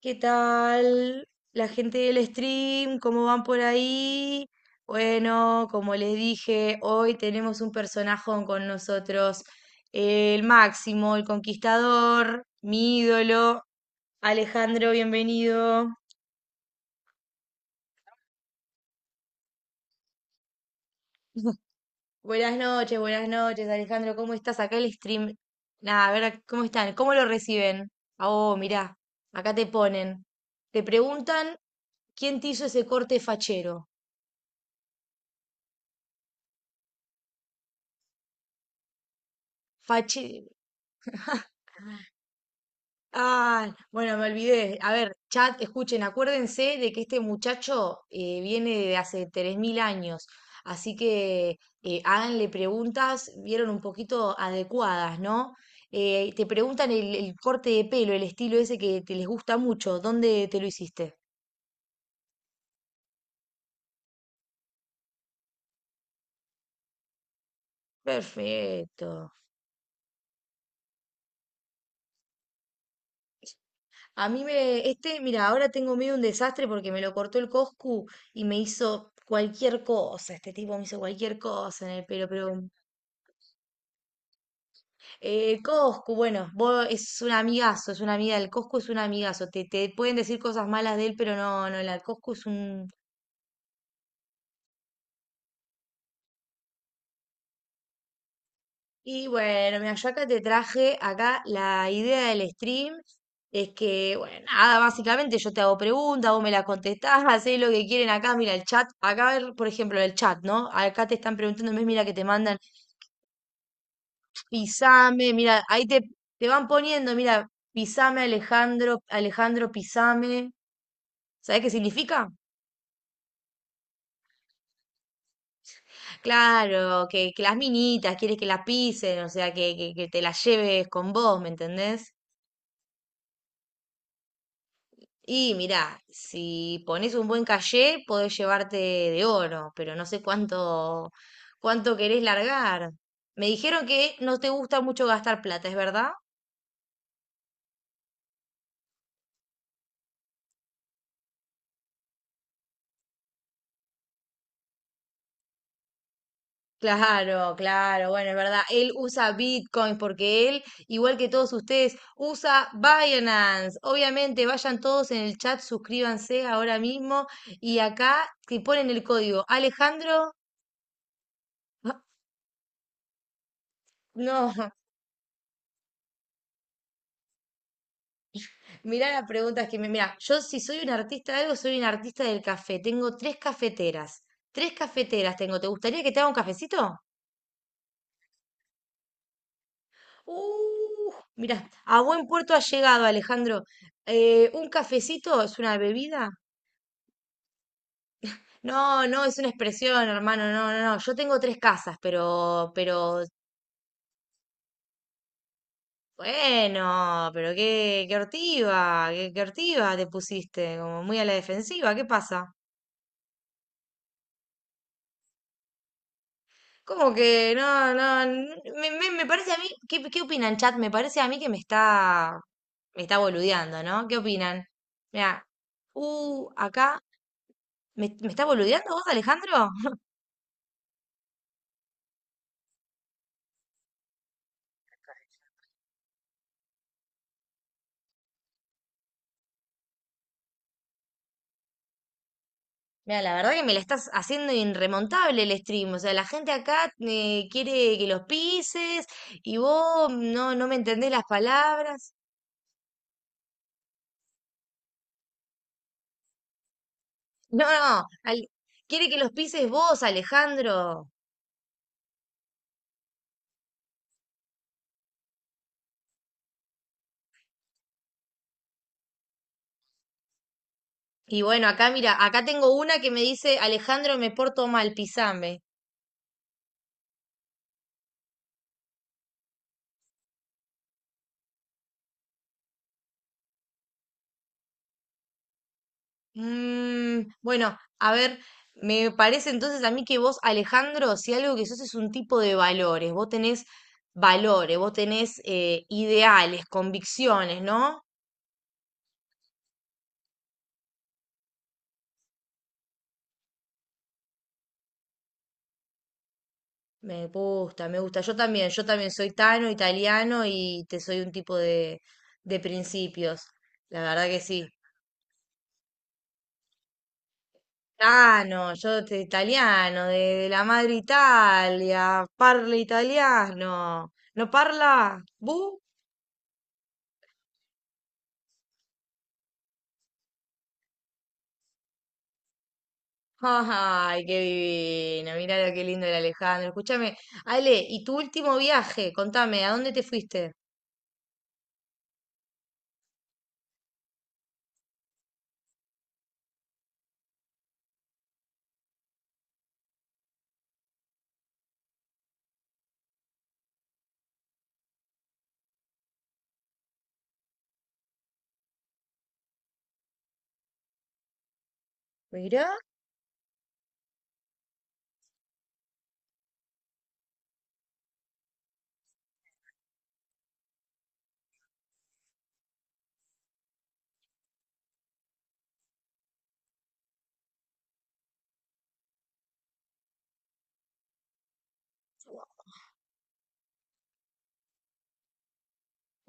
¿Qué tal la gente del stream? ¿Cómo van por ahí? Bueno, como les dije, hoy tenemos un personajón con nosotros, el Máximo, el conquistador, mi ídolo. Alejandro, bienvenido. Buenas noches, Alejandro, ¿cómo estás? Acá el stream. Nada, a ver, ¿cómo están? ¿Cómo lo reciben? Ah, oh, mirá, acá te ponen. Te preguntan quién te hizo ese corte fachero. Fachero. Ah, bueno, me olvidé. A ver, chat, escuchen, acuérdense de que este muchacho viene de hace 3000 años, así que háganle preguntas, vieron un poquito adecuadas, ¿no? Te preguntan el corte de pelo, el estilo ese que te les gusta mucho, ¿dónde te lo hiciste? Perfecto. A mí me, este, mira, ahora tengo medio un desastre porque me lo cortó el Coscu y me hizo cualquier cosa, este tipo me hizo cualquier cosa en el pelo, pero Coscu, bueno, vos es un amigazo, es una amiga, el Coscu es un amigazo, te pueden decir cosas malas de él, pero no, no, la Coscu es un... Y bueno, mira, yo acá te traje, acá la idea del stream es que, bueno, nada, básicamente yo te hago preguntas, vos me las contestás, hacés lo que quieren acá, mira el chat, acá, por ejemplo, el chat, ¿no? Acá te están preguntando, ¿ves? Mira que te mandan, pisame, mira, ahí te, te van poniendo, mira, pisame Alejandro, Alejandro, pisame, ¿sabés qué significa? Claro, que las minitas, quieres que las pisen, o sea, que te las lleves con vos, ¿me entendés? Y mirá, si pones un buen cayé, podés llevarte de oro, pero no sé cuánto, cuánto querés largar. Me dijeron que no te gusta mucho gastar plata, ¿es verdad? Claro, claro, bueno, es verdad. Él usa Bitcoin porque él, igual que todos ustedes, usa Binance. Obviamente, vayan todos en el chat, suscríbanse ahora mismo y acá te ponen el código. Alejandro, no, mirá las preguntas que me... Mirá, yo si soy un artista de algo, soy un artista del café. Tengo tres cafeteras. Tres cafeteras tengo. ¿Te gustaría que te haga un cafecito? Uh, mirá, a buen puerto ha llegado, Alejandro. Un cafecito es una bebida. No, no, es una expresión, hermano, no, no, no. Yo tengo tres casas, pero, bueno, pero qué, qué hortiva te pusiste, como muy a la defensiva, ¿qué pasa? Como que, no, no, me, me, me parece a mí, ¿qué, qué opinan, chat? Me parece a mí que me está boludeando, ¿no? ¿Qué opinan? Mira, acá, ¿me, me está boludeando vos, Alejandro? Mira, la verdad que me la estás haciendo irremontable el stream. O sea, la gente acá quiere que los pises y vos no, no me entendés las palabras. No, no, quiere que los pises vos, Alejandro. Y bueno, acá mira, acá tengo una que me dice, Alejandro, me porto mal, pisame. Mm, bueno, a ver, me parece entonces a mí que vos, Alejandro, si algo que sos es un tipo de valores, vos tenés ideales, convicciones, ¿no? Me gusta, me gusta. Yo también soy tano, italiano y te soy un tipo de principios. La verdad que sí. Tano, italiano, de la madre Italia, parla italiano. ¿No parla? ¿Bu? Ay, qué divino. Mirá lo que lindo el Alejandro. Escúchame, Ale, ¿y tu último viaje? Contame, ¿a dónde te fuiste? Mirá.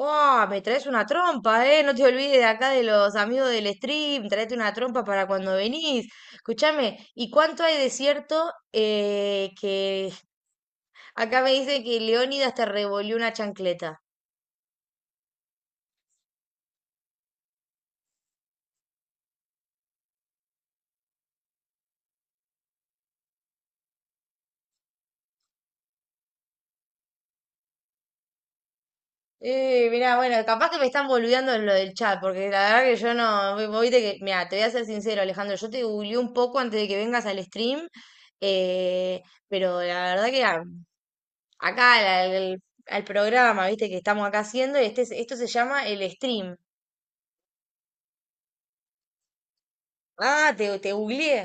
¡Wow! Me traes una trompa, ¿eh? No te olvides de acá de los amigos del stream. Traete una trompa para cuando venís. Escúchame, ¿y cuánto hay de cierto que acá me dice que Leónidas te revolvió una chancleta? Mirá, bueno, capaz que me están boludeando en lo del chat, porque la verdad que yo no. Vos viste que, mirá, te voy a ser sincero, Alejandro. Yo te googleé un poco antes de que vengas al stream. Eh, pero la verdad que ah, acá al programa, viste, que estamos acá haciendo, y este, esto se llama el stream. Ah, te googleé.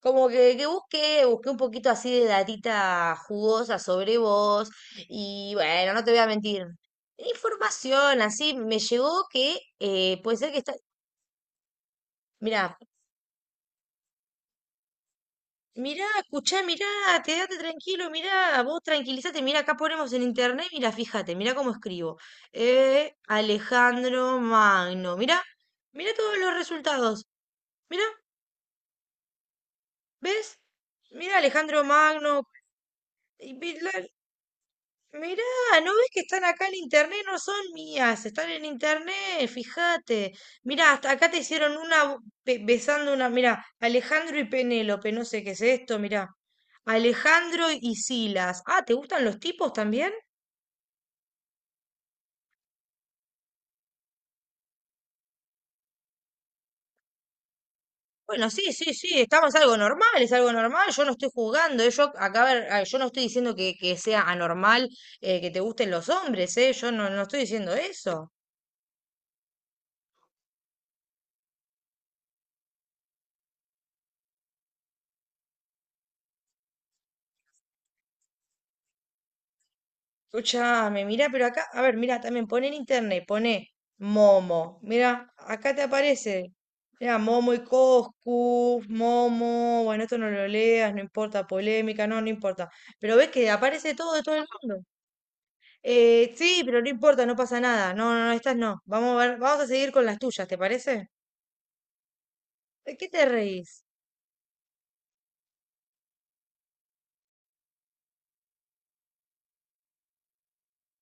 Como que busqué, busqué un poquito así de datita jugosa sobre vos, y bueno, no te voy a mentir. Información, así me llegó que puede ser que está. Mira, mirá, escuchá, mirá, quédate tranquilo, mirá, vos tranquilízate, mirá, acá ponemos en internet, mirá, fíjate, mirá cómo escribo. Alejandro Magno, mirá, mirá todos los resultados, mirá, ¿ves? Mirá, Alejandro Magno, mirá, ¿no ves que están acá en internet? No son mías, están en internet, fíjate. Mirá, hasta acá te hicieron una besando una, mirá, Alejandro y Penélope, no sé qué es esto, mirá. Alejandro y Silas. Ah, ¿te gustan los tipos también? Bueno, sí, sí, sí, estamos algo normal, es algo normal, yo no estoy juzgando, yo acá, a ver, ah, yo no estoy diciendo que sea anormal, que te gusten los hombres, yo no, no estoy diciendo eso. Escucha, me mira, pero acá, a ver, mira, también pone en internet, pone Momo. Mira, acá te aparece. Mira, Momo y Coscu, Momo. Bueno, esto no lo leas, no importa, polémica, no, no importa. Pero ves que aparece todo de todo el mundo. Sí, pero no importa, no pasa nada. No, no, no, estas no. Vamos a ver, vamos a seguir con las tuyas, ¿te parece? ¿De qué te reís?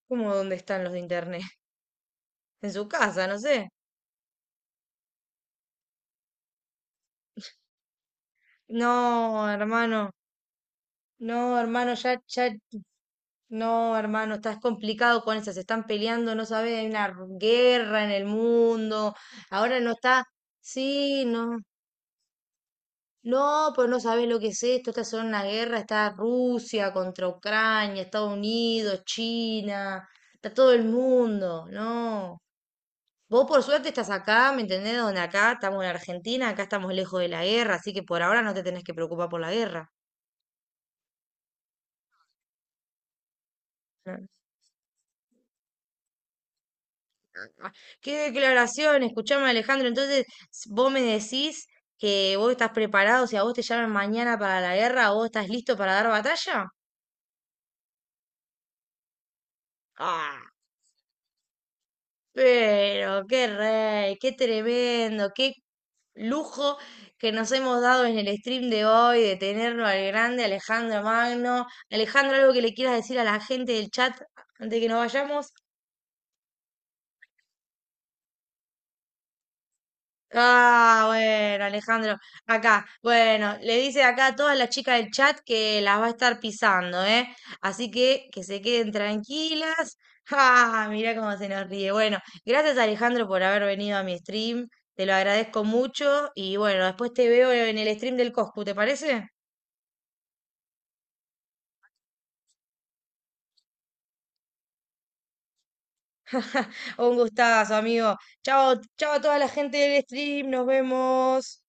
¿Cómo dónde están los de internet? En su casa, no sé. No, hermano. No, hermano, ya, ya. No, hermano, estás complicado con esas, se están peleando, no sabes, hay una guerra en el mundo, ahora no está, sí, no, no, pues no sabes lo que es esto, esta es una guerra, está Rusia contra Ucrania, Estados Unidos, China, está todo el mundo, no. Vos por suerte estás acá, ¿me entendés? Donde acá estamos en Argentina, acá estamos lejos de la guerra, así que por ahora no te tenés que preocupar por la guerra. ¿No? Ah, qué declaración, escuchame Alejandro, entonces vos me decís que vos estás preparado, si a vos te llaman mañana para la guerra, vos estás listo para dar batalla. Ah, pero qué rey, qué tremendo, qué lujo que nos hemos dado en el stream de hoy de tenerlo al grande Alejandro Magno. Alejandro, algo que le quieras decir a la gente del chat antes de que nos vayamos. Ah, bueno, Alejandro, acá, bueno, le dice acá a todas las chicas del chat que las va a estar pisando, ¿eh? Así que se queden tranquilas. Ah, mirá cómo se nos ríe. Bueno, gracias Alejandro por haber venido a mi stream, te lo agradezco mucho y bueno, después te veo en el stream del Coscu, ¿te parece? Un gustazo, amigo. Chao, chao a toda la gente del stream, nos vemos.